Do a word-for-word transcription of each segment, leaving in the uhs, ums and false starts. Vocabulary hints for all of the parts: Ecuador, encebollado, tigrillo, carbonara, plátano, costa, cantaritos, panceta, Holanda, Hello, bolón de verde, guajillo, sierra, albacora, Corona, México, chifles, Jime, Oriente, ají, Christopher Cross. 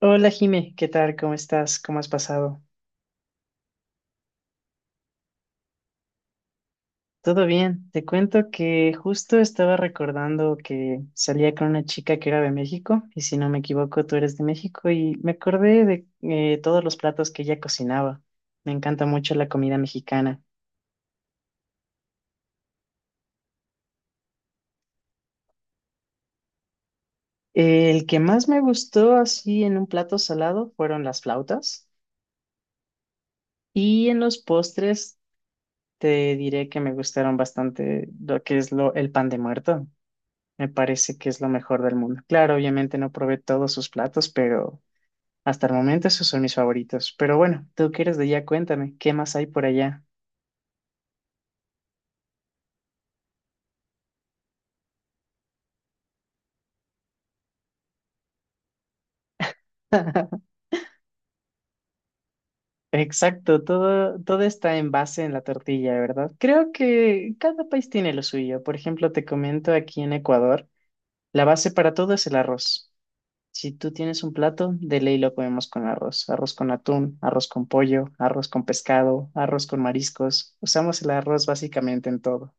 Hola Jime, ¿qué tal? ¿Cómo estás? ¿Cómo has pasado? Todo bien. Te cuento que justo estaba recordando que salía con una chica que era de México y si no me equivoco tú eres de México y me acordé de eh, todos los platos que ella cocinaba. Me encanta mucho la comida mexicana. El que más me gustó así en un plato salado fueron las flautas y en los postres te diré que me gustaron bastante lo que es lo, el pan de muerto. Me parece que es lo mejor del mundo. Claro, obviamente no probé todos sus platos, pero hasta el momento esos son mis favoritos. Pero bueno, tú que eres de allá, cuéntame, ¿qué más hay por allá? Exacto, todo, todo está en base en la tortilla, ¿verdad? Creo que cada país tiene lo suyo. Por ejemplo, te comento aquí en Ecuador, la base para todo es el arroz. Si tú tienes un plato, de ley lo comemos con arroz. Arroz con atún, arroz con pollo, arroz con pescado, arroz con mariscos. Usamos el arroz básicamente en todo.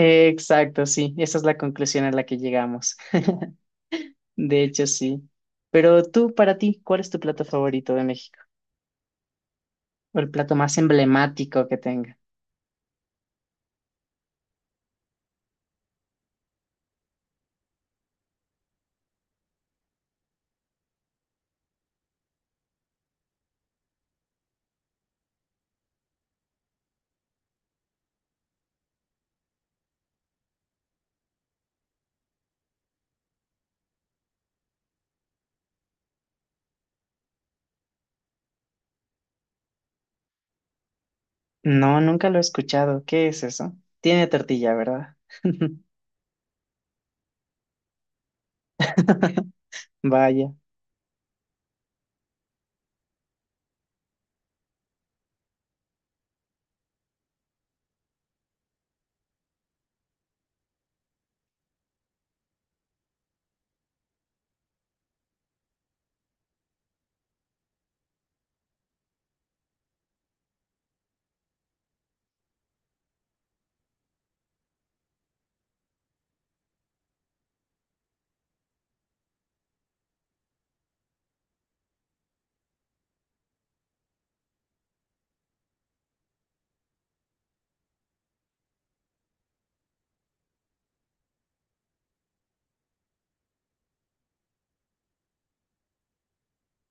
Exacto, sí, esa es la conclusión a la que llegamos. De hecho, sí. Pero tú, para ti, ¿cuál es tu plato favorito de México? ¿O el plato más emblemático que tenga? No, nunca lo he escuchado. ¿Qué es eso? Tiene tortilla, ¿verdad? Vaya,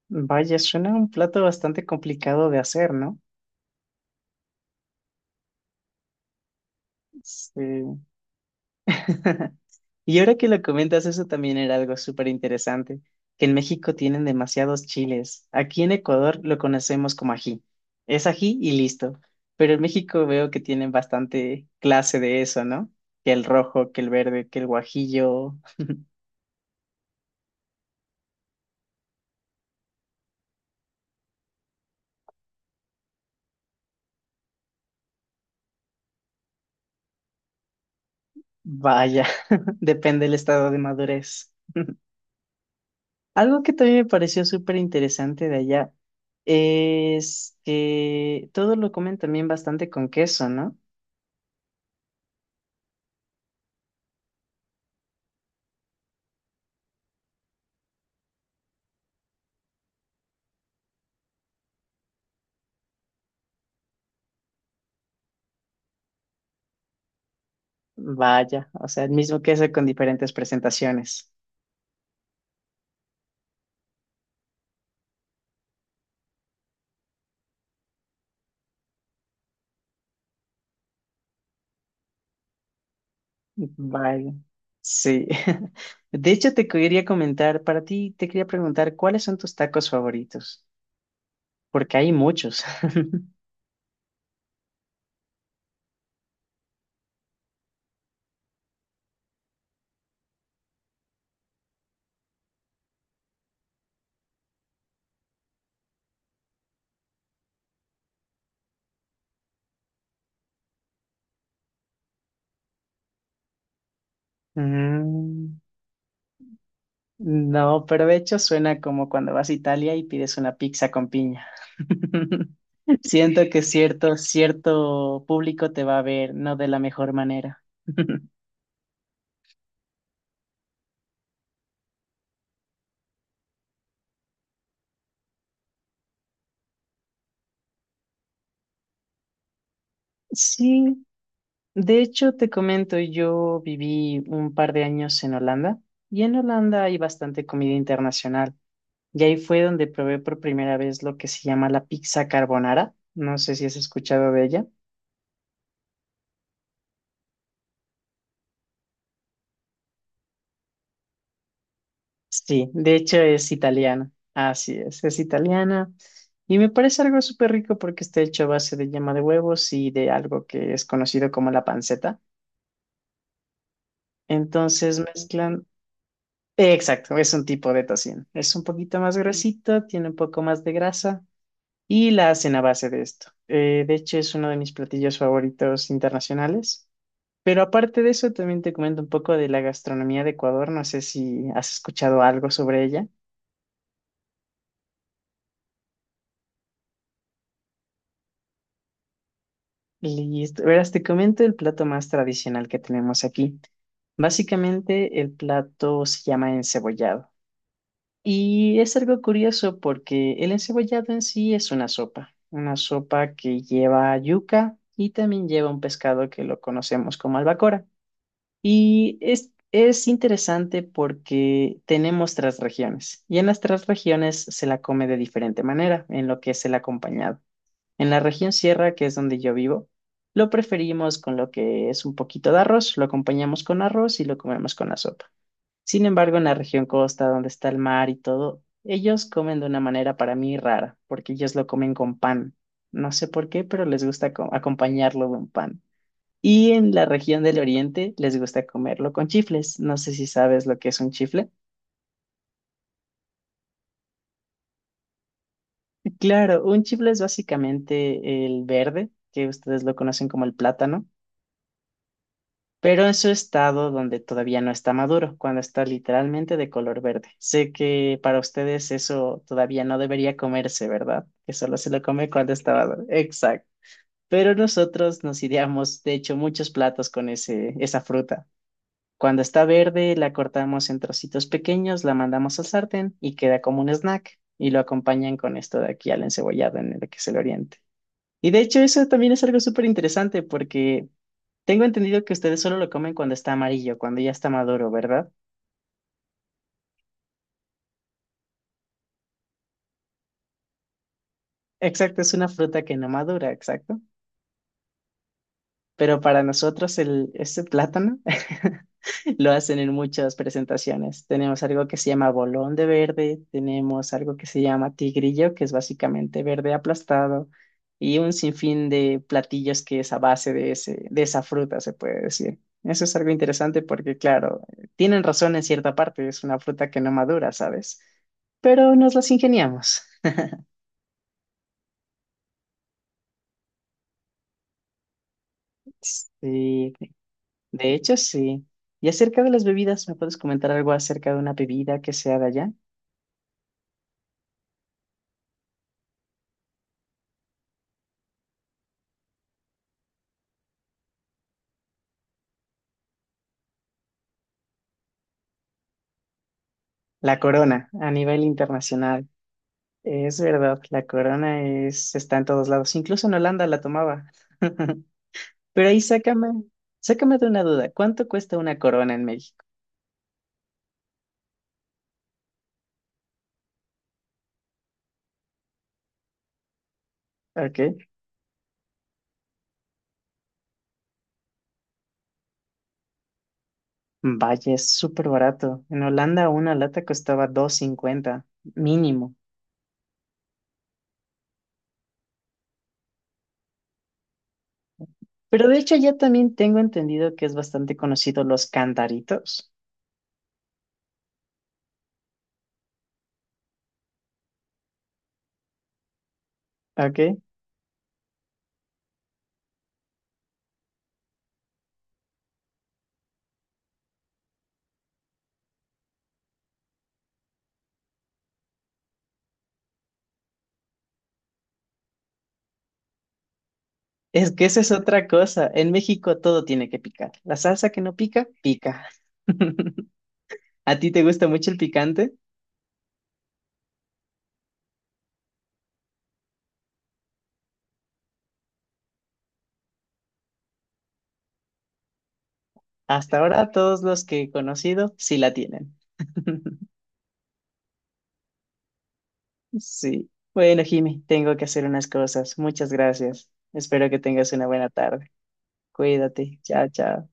vaya, suena un plato bastante complicado de hacer, ¿no? Sí. Y ahora que lo comentas, eso también era algo súper interesante, que en México tienen demasiados chiles. Aquí en Ecuador lo conocemos como ají. Es ají y listo. Pero en México veo que tienen bastante clase de eso, ¿no? Que el rojo, que el verde, que el guajillo. Vaya, depende del estado de madurez. Algo que también me pareció súper interesante de allá es que todo lo comen también bastante con queso, ¿no? Vaya, o sea, el mismo queso con diferentes presentaciones. Vaya, sí. De hecho, te quería comentar, para ti, te quería preguntar, ¿cuáles son tus tacos favoritos? Porque hay muchos. Mm, no, pero de hecho suena como cuando vas a Italia y pides una pizza con piña. Siento que cierto, cierto público te va a ver, no de la mejor manera. Sí. De hecho, te comento, yo viví un par de años en Holanda y en Holanda hay bastante comida internacional. Y ahí fue donde probé por primera vez lo que se llama la pizza carbonara. No sé si has escuchado de ella. Sí, de hecho es italiana. Así es, es italiana. Y me parece algo súper rico porque está hecho a base de yema de huevos y de algo que es conocido como la panceta. Entonces mezclan. Exacto, es un tipo de tocino. Es un poquito más gruesito, tiene un poco más de grasa y la hacen a base de esto. Eh, de hecho, es uno de mis platillos favoritos internacionales. Pero aparte de eso, también te comento un poco de la gastronomía de Ecuador. No sé si has escuchado algo sobre ella. Listo. Verás, te comento el plato más tradicional que tenemos aquí. Básicamente, el plato se llama encebollado. Y es algo curioso porque el encebollado en sí es una sopa. Una sopa que lleva yuca y también lleva un pescado que lo conocemos como albacora. Y es, es interesante porque tenemos tres regiones y en las tres regiones se la come de diferente manera en lo que es el acompañado. En la región sierra, que es donde yo vivo, lo preferimos con lo que es un poquito de arroz, lo acompañamos con arroz y lo comemos con la sopa. Sin embargo, en la región costa, donde está el mar y todo, ellos comen de una manera para mí rara, porque ellos lo comen con pan. No sé por qué, pero les gusta co- acompañarlo con pan. Y en la región del Oriente les gusta comerlo con chifles. No sé si sabes lo que es un chifle. Claro, un chifle es básicamente el verde, que ustedes lo conocen como el plátano, pero en su estado donde todavía no está maduro, cuando está literalmente de color verde. Sé que para ustedes eso todavía no debería comerse, ¿verdad? Que solo se lo come cuando está maduro. Exacto. Pero nosotros nos ideamos, de hecho, muchos platos con ese, esa fruta. Cuando está verde, la cortamos en trocitos pequeños, la mandamos al sartén y queda como un snack. Y lo acompañan con esto de aquí al encebollado en el que se le oriente. Y de hecho, eso también es algo súper interesante porque tengo entendido que ustedes solo lo comen cuando está amarillo, cuando ya está maduro, ¿verdad? Exacto, es una fruta que no madura, exacto. Pero para nosotros el, este plátano lo hacen en muchas presentaciones. Tenemos algo que se llama bolón de verde, tenemos algo que se llama tigrillo, que es básicamente verde aplastado, y un sinfín de platillos que es a base de ese, de esa fruta, se puede decir. Eso es algo interesante porque, claro, tienen razón en cierta parte, es una fruta que no madura, ¿sabes? Pero nos las ingeniamos. Sí. De hecho, sí. Y acerca de las bebidas, ¿me puedes comentar algo acerca de una bebida que sea de allá? La Corona, a nivel internacional. Es verdad, la Corona es, está en todos lados. Incluso en Holanda la tomaba. Pero ahí sácame, sácame de una duda. ¿Cuánto cuesta una Corona en México? Ok. Vaya, es súper barato. En Holanda una lata costaba dos cincuenta mínimo. Pero de hecho ya también tengo entendido que es bastante conocido los cantaritos. Ok. Es que esa es otra cosa. En México todo tiene que picar. La salsa que no pica, pica. ¿A ti te gusta mucho el picante? Hasta ahora todos los que he conocido sí la tienen. Sí. Bueno, Jimmy, tengo que hacer unas cosas. Muchas gracias. Espero que tengas una buena tarde. Cuídate. Chao, chao.